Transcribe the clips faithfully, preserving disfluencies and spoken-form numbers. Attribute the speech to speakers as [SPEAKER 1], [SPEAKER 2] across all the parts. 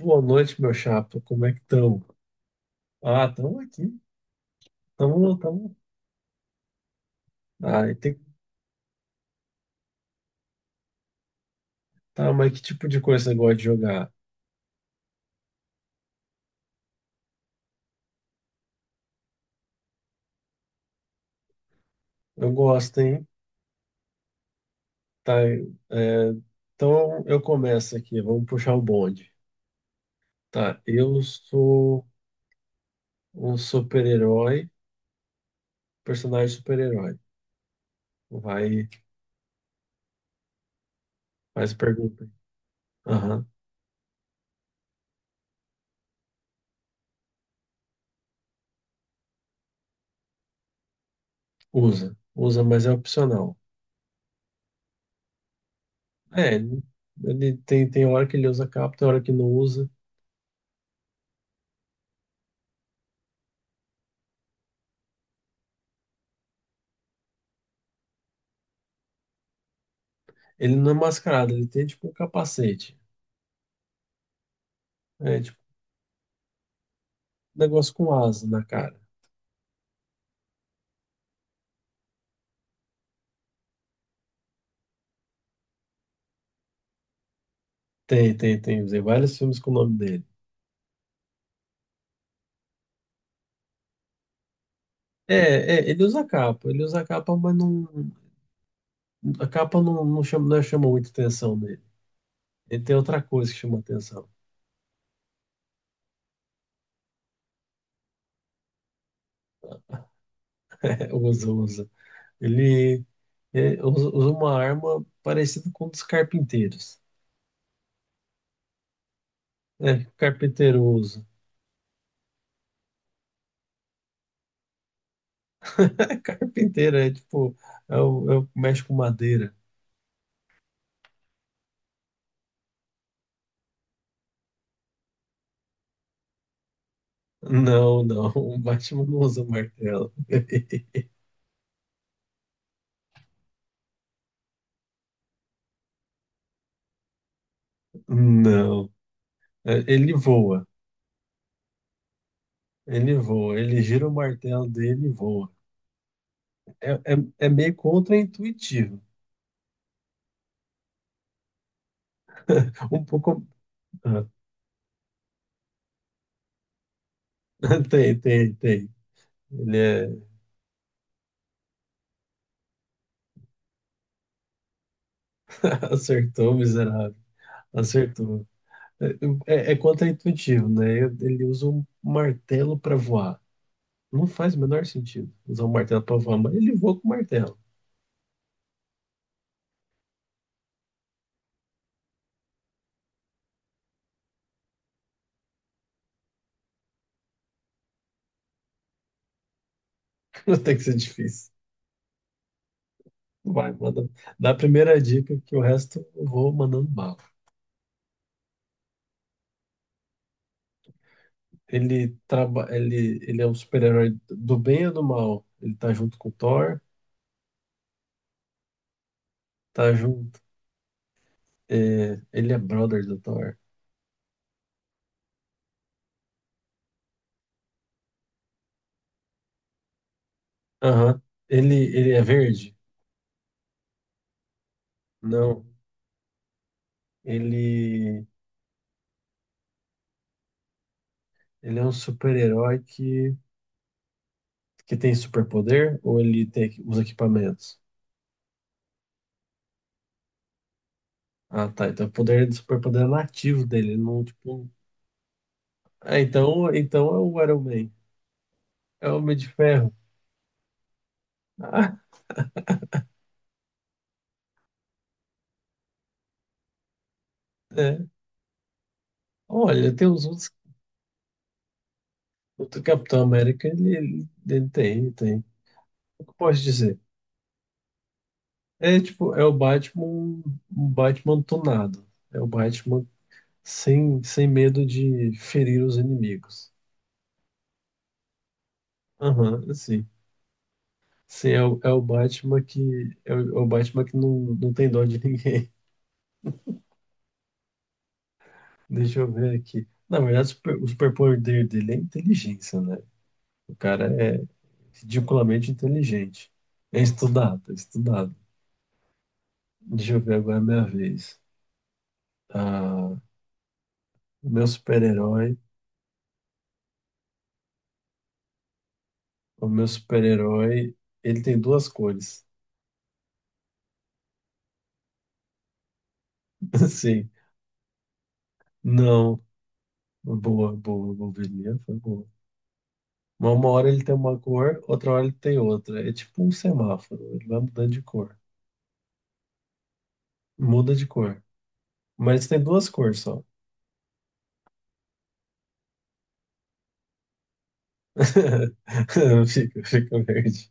[SPEAKER 1] Boa noite, meu chapa. Como é que estão? Ah, estamos aqui. Estamos, estamos. Ah, e tem... tá, mas que tipo de coisa você gosta de jogar? Eu gosto, hein? Tá, é, então eu começo aqui. Vamos puxar o bonde. Tá, eu sou um super-herói, personagem super-herói. Vai, faz pergunta. Aham. Usa. Usa, mas é opcional. É, ele, ele tem, tem hora que ele usa capa, tem hora que não usa. Ele não é mascarado, ele tem tipo um capacete. É, tipo, negócio com asa na cara. Tem, tem, tem. Usei vários filmes com o nome dele. É, é, ele usa capa, ele usa capa, mas não, a capa não, não chama, não chama muita atenção dele. Ele tem outra coisa que chama atenção. É, usa, usa. Ele, é, usa, usa uma arma parecida com um dos carpinteiros. É, que o carpinteiro usa. É carpinteiro, é tipo, é o, é o que mexe com madeira. Não, não, o Batman não usa martelo. Não, é, ele voa. Ele voa, ele gira o martelo dele e voa. É, é, é meio contraintuitivo. Um pouco. Ah, tem, tem, tem. Ele é... acertou, miserável. Acertou. É, é é contraintuitivo, né? Ele usa um martelo para voar. Não faz o menor sentido usar um martelo para voar, mas ele voa com martelo. Tem que ser difícil. Vai, manda. Dá a primeira dica que o resto eu vou mandando bala. Ele, traba... ele, ele é um super-herói do bem ou do mal? Ele tá junto com o Thor, tá junto. É, ele é brother do Thor. Aham. Ele, ele é verde? Não. Ele, ele é um super-herói que, que tem superpoder ou ele tem equi- os equipamentos? Ah, tá. Então o poder do superpoder é nativo dele, não tipo. Ah, então, então é o Iron Man. É o Homem de Ferro. Ah, é. Olha, tem uns outros. O Capitão América, ele, ele, ele tem, tem. O que eu posso dizer? É tipo, é o Batman, um Batman tunado. É o Batman sem, sem medo de ferir os inimigos. Aham, assim. Sim, é o, é o Batman que é o, é o Batman que não, não tem dó de ninguém. Deixa eu ver aqui. Na verdade, o super- o superpoder dele é inteligência, né? O cara é ridiculamente inteligente. É estudado, é estudado. Deixa eu ver agora a minha vez. Ah, meu super-herói o meu super-herói, ele tem duas cores. Assim, não. Boa, boa, boberia, foi boa. Mas uma hora ele tem uma cor, outra hora ele tem outra. É tipo um semáforo, ele vai mudando de cor. Muda de cor. Mas tem duas cores só. Fica, fica verde.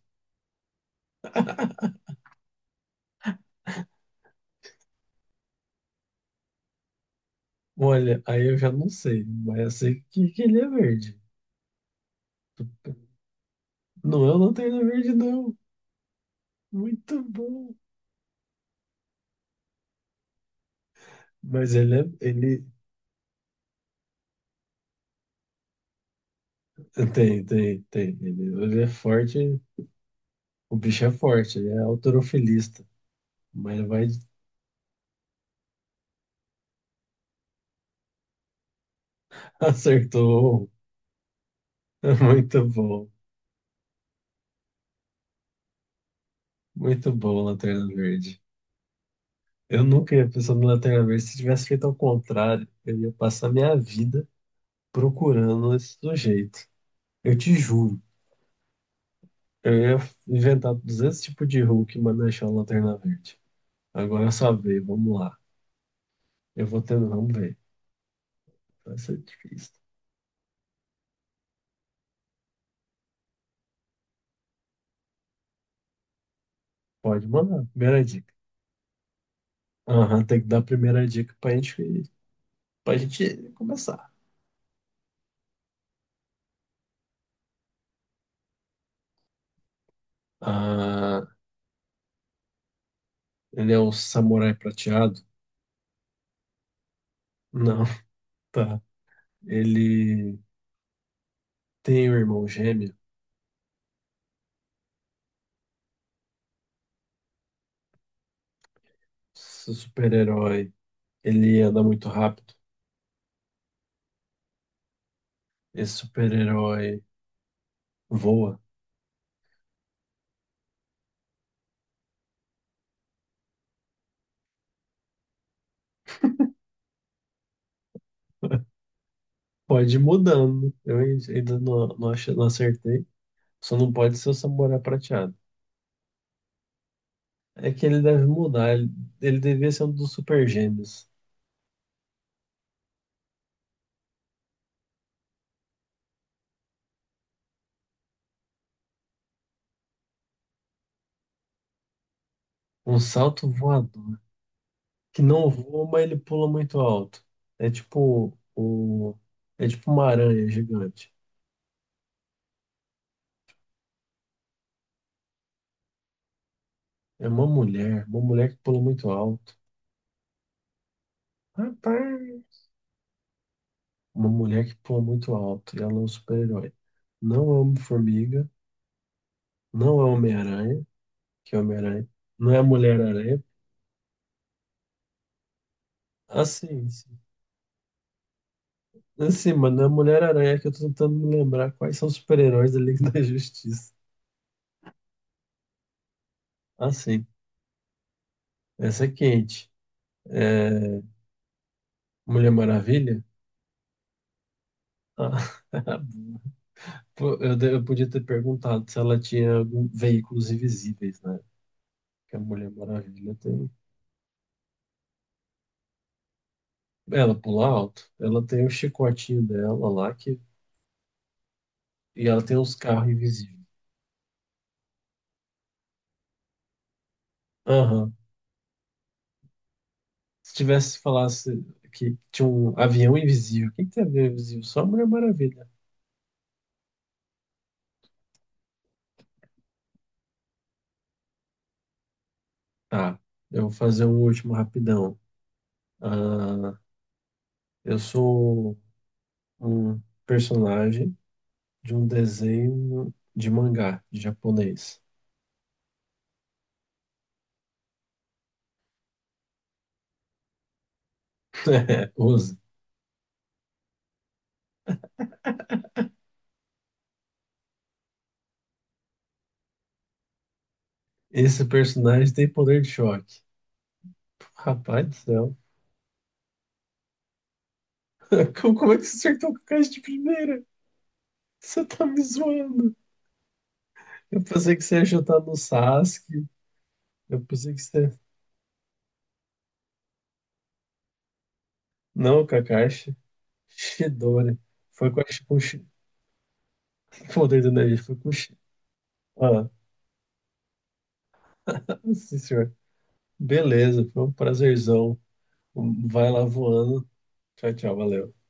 [SPEAKER 1] Olha, aí eu já não sei, mas eu sei que, que ele é verde. Não, eu não tenho ele é verde, não. Muito bom. Mas ele é, ele tem, tem, tem. Ele, ele é forte. O bicho é forte, ele é halterofilista, mas vai acertou. Muito bom, muito bom, Lanterna Verde. Eu nunca ia pensar no Lanterna Verde. Se tivesse feito ao contrário, eu ia passar minha vida procurando esse sujeito. Eu te juro, eu ia inventar duzentos tipos de Hulk, mas não achar o Lanterna Verde. Agora eu só veio, vamos lá. Eu vou tendo, vamos ver. Vai ser difícil. Pode mandar, primeira dica. Aham, tem que dar a primeira dica pra gente, pra gente começar. Ah, ele é um samurai prateado? Não, tá. Ele tem um irmão gêmeo. Esse super-herói, ele anda muito rápido. Esse super-herói voa. Pode ir mudando. Eu ainda não, não, achei- não acertei. Só não pode ser o samurai prateado. É que ele deve mudar. Ele, ele devia ser um dos super gêmeos. Um salto voador. Que não voa, mas ele pula muito alto. É tipo o. É tipo uma aranha gigante. É uma mulher, uma mulher que pula muito alto. Rapaz! Uma mulher que pula muito alto e ela é um super-herói. Não é Homem-Formiga, não é Homem-Aranha, que é Homem-Aranha, não é Mulher-Aranha. Assim, sim. Assim, mas não é Mulher-Aranha que eu tô tentando me lembrar quais são os super-heróis da Liga da Justiça. Assim, essa é quente. É Mulher Maravilha? Ah, pô, eu, de- eu podia ter perguntado se ela tinha algum, veículos invisíveis, né? Que a Mulher Maravilha tem. Ela pula alto. Ela tem o chicotinho dela lá que... e ela tem uns carros invisíveis. Aham. Se tivesse falasse que tinha um avião invisível, o que que tem avião invisível? Só a Mulher Maravilha. Tá, eu vou fazer um último rapidão. Ah, eu sou um personagem de um desenho de mangá de japonês. É, usa. Esse personagem tem poder de choque. Rapaz do céu. Como, como é que você acertou com a caixa de primeira? Você tá me zoando. Eu pensei que você ia chutar no Sasuke. Eu pensei que você. Não, Kakashi. Shidori. Foi com a. Com o Shi- poder do energia. Foi com o. Shi- Ah, sim, senhor. Beleza. Foi um prazerzão. Vai lá voando. Tchau, tchau. Valeu.